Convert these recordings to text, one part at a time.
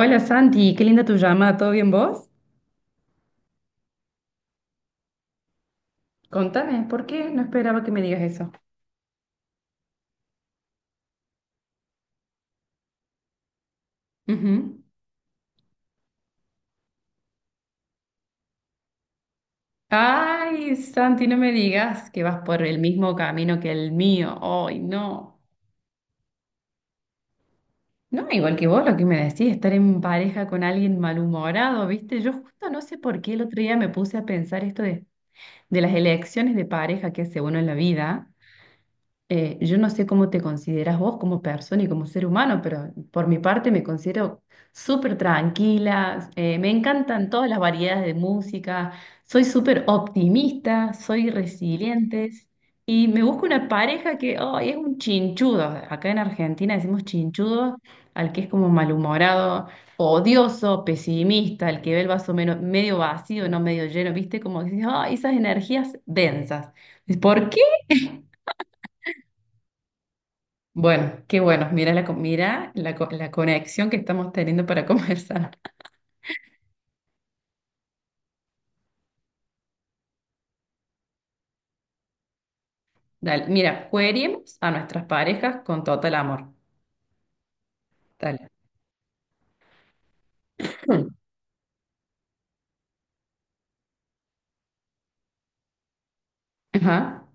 Hola Santi, qué linda tu llamada, ¿todo bien vos? Contame, ¿por qué? No esperaba que me digas eso. Ujú. Ay, Santi, no me digas que vas por el mismo camino que el mío. Ay, no. No, igual que vos lo que me decís, estar en pareja con alguien malhumorado, ¿viste? Yo justo no sé por qué el otro día me puse a pensar esto de las elecciones de pareja que hace uno en la vida. Yo no sé cómo te consideras vos como persona y como ser humano, pero por mi parte me considero súper tranquila, me encantan todas las variedades de música, soy súper optimista, soy resiliente y me busco una pareja que oh, es un chinchudo. Acá en Argentina decimos chinchudo al que es como malhumorado, odioso, pesimista, al que ve el vaso medio vacío, no medio lleno, ¿viste? Como que dices, "Ah, esas energías densas. ¿Por qué?" Bueno, qué bueno. La conexión que estamos teniendo para conversar. Dale, mira, queremos a nuestras parejas con total amor. Dale. Ajá.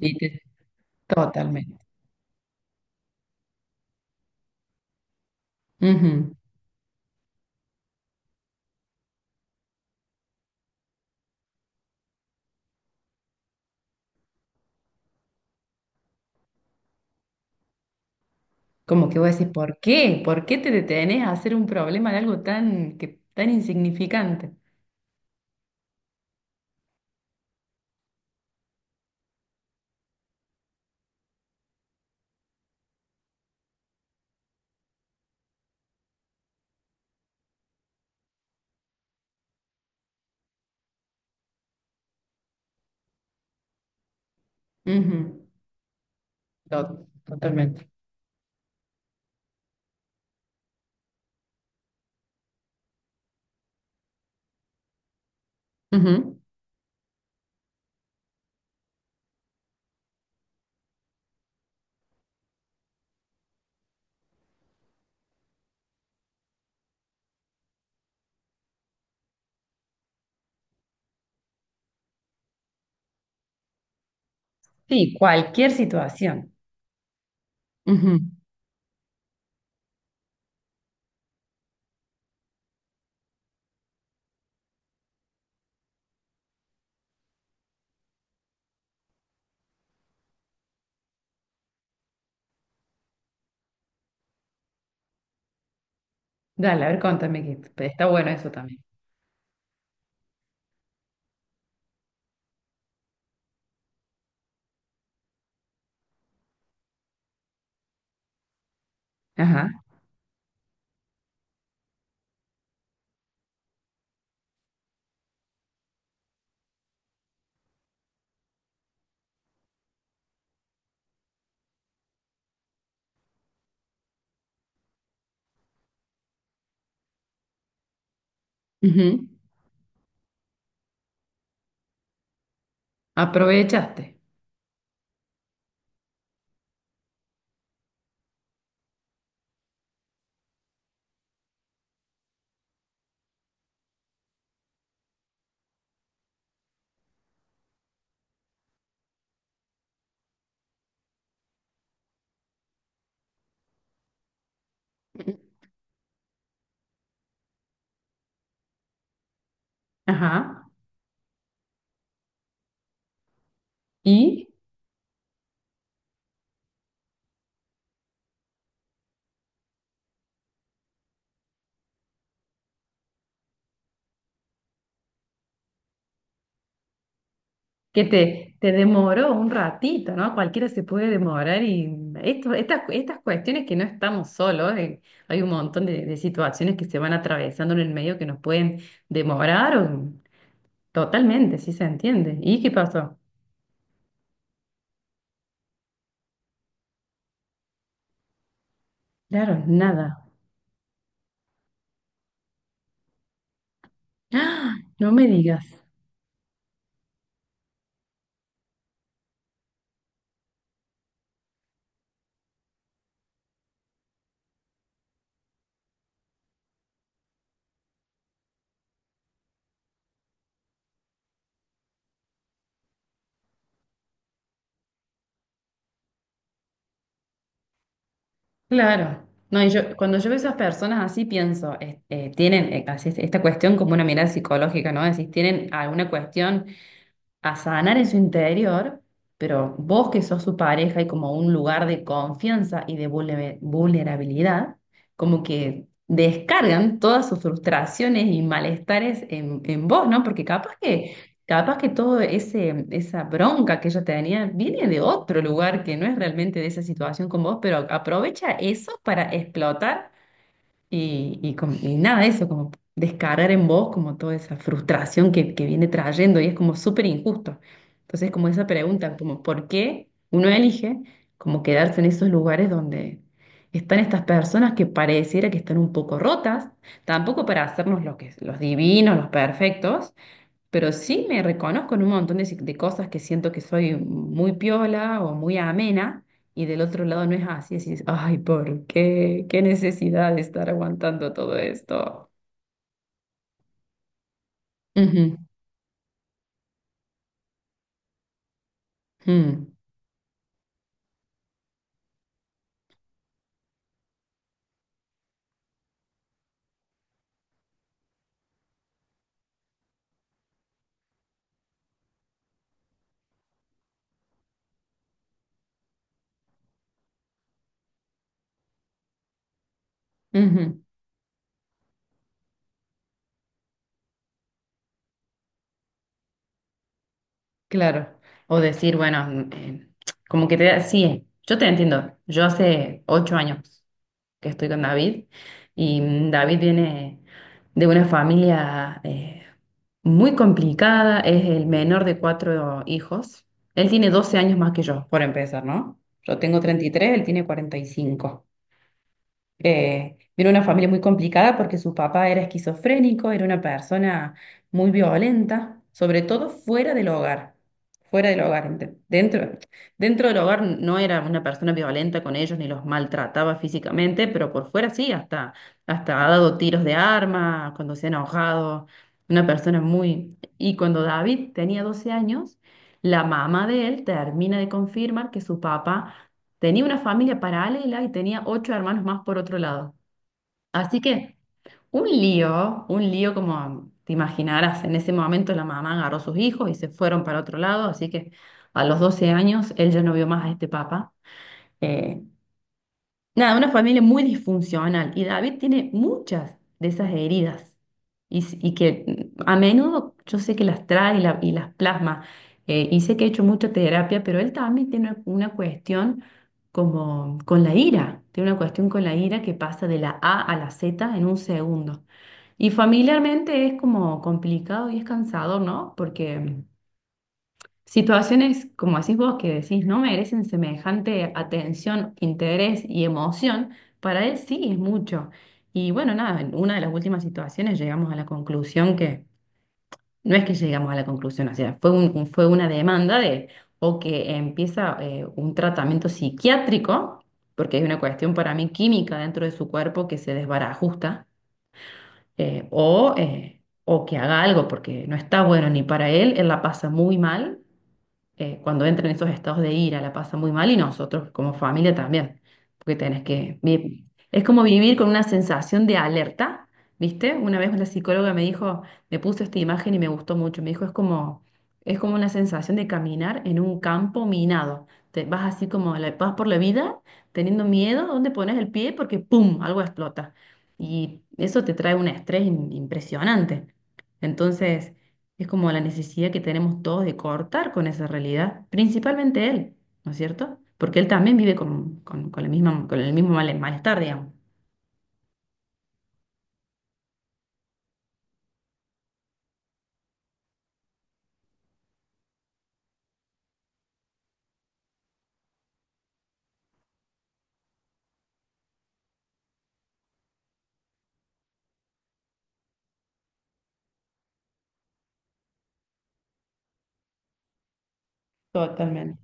Lite- Totalmente. Ujú. Como que voy a decir, ¿por qué? ¿Por qué te detenés a hacer un problema de algo tan, que, tan insignificante? Ujú. Totalmente. Ujú. Sí, cualquier situación. Ujú. Dale, a ver, contame que está bueno eso también. Ajá. Ujú. Aprovechaste. Ajá. Y que te demoró un ratito, ¿no? Cualquiera se puede demorar y esto, estas cuestiones que no estamos solos, hay un montón de situaciones que se van atravesando en el medio que nos pueden demorar. Totalmente, sí se entiende. ¿Y qué pasó? Claro, nada. ¡Ah! No me digas. Claro. No, y yo, cuando yo veo esas personas así pienso, tienen esta cuestión como una mirada psicológica, ¿no? Es decir, tienen alguna cuestión a sanar en su interior, pero vos que sos su pareja y como un lugar de confianza y de vulnerabilidad, como que descargan todas sus frustraciones y malestares en vos, ¿no? Porque capaz que todo esa bronca que ella tenía viene de otro lugar que no es realmente de esa situación con vos, pero aprovecha eso para explotar y nada, eso, como descargar en vos como toda esa frustración que viene trayendo y es como súper injusto. Entonces, como esa pregunta, como por qué uno elige como quedarse en esos lugares donde están estas personas que pareciera que están un poco rotas, tampoco para hacernos lo que, los divinos, los perfectos, pero sí me reconozco en un montón de, si- de cosas que siento que soy muy piola o muy amena, y del otro lado no es así. Decís, ay, ¿por qué? ¿Qué necesidad de estar aguantando todo esto? Ujú. Mm. Ujú. Claro. O decir, bueno, como que te da, sí, yo te entiendo. Yo hace 8 años que estoy con David. Y David viene de una familia muy complicada, es el menor de 4 hijos. Él tiene 12 años más que yo, por empezar, ¿no? Yo tengo 33, él tiene 45. Era una familia muy complicada porque su papá era esquizofrénico, era una persona muy violenta, sobre todo fuera del hogar. Fuera del hogar, dentro del hogar no era una persona violenta con ellos ni los maltrataba físicamente, pero por fuera sí, hasta ha dado tiros de arma cuando se ha enojado. Una persona muy. Y cuando David tenía 12 años, la mamá de él termina de confirmar que su papá tenía una familia paralela y tenía 8 hermanos más por otro lado. Así que un lío como te imaginarás, en ese momento la mamá agarró a sus hijos y se fueron para otro lado, así que a los 12 años él ya no vio más a este papá. Eh, Nada, una familia muy disfuncional y David tiene muchas de esas heridas que a menudo yo sé que las trae y las plasma, y sé que he hecho mucha terapia, pero él también tiene una cuestión como con la ira, tiene una cuestión con la ira que pasa de la A a la Z en un segundo. Y familiarmente es como complicado y es cansador, ¿no? Porque situaciones como decís vos que decís no merecen semejante atención, interés y emoción, para él sí es mucho. Y bueno, nada, en una de las últimas situaciones llegamos a la conclusión que, no es que llegamos a la conclusión, o sea, fue fue una demanda de, o que empieza un tratamiento psiquiátrico, porque hay una cuestión para mí química dentro de su cuerpo que se desbarajusta, o que haga algo, porque no está bueno ni para él, él la pasa muy mal cuando entra en esos estados de ira, la pasa muy mal y nosotros como familia también, porque tenés que es como vivir con una sensación de alerta, ¿viste? Una vez la psicóloga me dijo, me puso esta imagen y me gustó mucho, me dijo, es como una sensación de caminar en un campo minado. Te vas así como, vas por la vida teniendo miedo, ¿dónde pones el pie? Porque ¡pum! Algo explota. Y eso te trae un estrés impresionante. Entonces. Es como la necesidad que tenemos todos de cortar con esa realidad, principalmente él, ¿no es cierto? Porque él también vive con la misma, con el mismo malestar, digamos. Totalmente.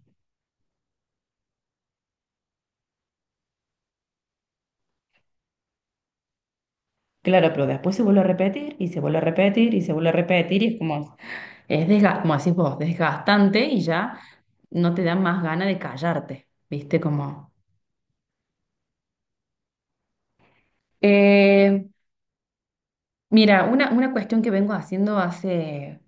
Claro, pero después se vuelve a repetir y se vuelve a repetir y se vuelve a repetir y es como, es como decís vos, desgastante y ya no te da más ganas de callarte, ¿viste? Como. Eh, Mira, una cuestión que vengo haciendo hace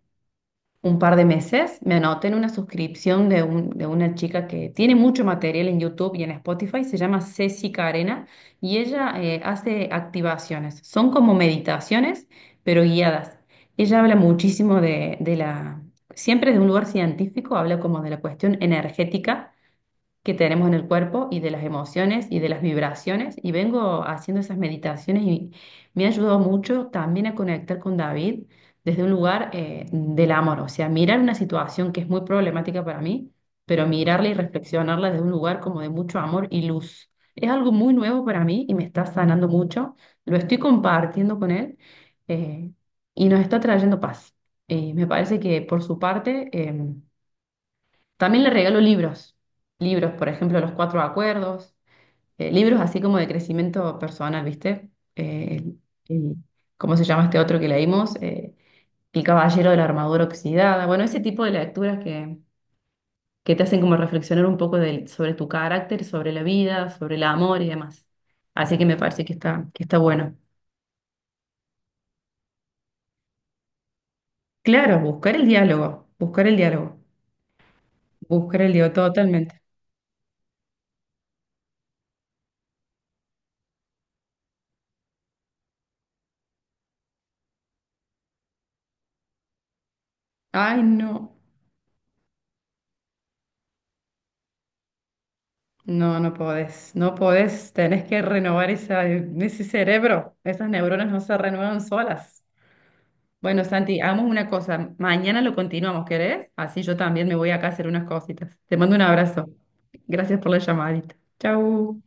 un par de meses, me anoté en una suscripción de una chica que tiene mucho material en YouTube y en Spotify, se llama Ceci Carena, y ella hace activaciones, son como meditaciones, pero guiadas. Ella habla muchísimo siempre de un lugar científico, habla como de la cuestión energética que tenemos en el cuerpo y de las emociones y de las vibraciones. Y vengo haciendo esas meditaciones y me ha ayudado mucho también a conectar con David desde un lugar del amor, o sea, mirar una situación que es muy problemática para mí, pero mirarla y reflexionarla desde un lugar como de mucho amor y luz. Es algo muy nuevo para mí y me está sanando mucho. Lo estoy compartiendo con él, eh, y nos está trayendo paz. Me parece que por su parte, también le regalo libros, por ejemplo, Los Cuatro Acuerdos, libros así como de crecimiento personal, ¿viste? Eh, el- el- ¿Cómo se llama este otro que leímos? El Caballero de la Armadura Oxidada. Bueno, ese tipo de lecturas que te hacen como reflexionar un poco sobre tu carácter, sobre la vida, sobre el amor y demás. Así que me parece que está bueno. Claro, buscar el diálogo, buscar el diálogo, buscar el diálogo totalmente. Ay, no. No, no podés, no podés, tenés que renovar ese cerebro, esas neuronas no se renuevan solas. Bueno, Santi, hagamos una cosa, mañana lo continuamos, ¿querés? Así yo también me voy acá a hacer unas cositas. Te mando un abrazo. Gracias por la llamadita. Chau.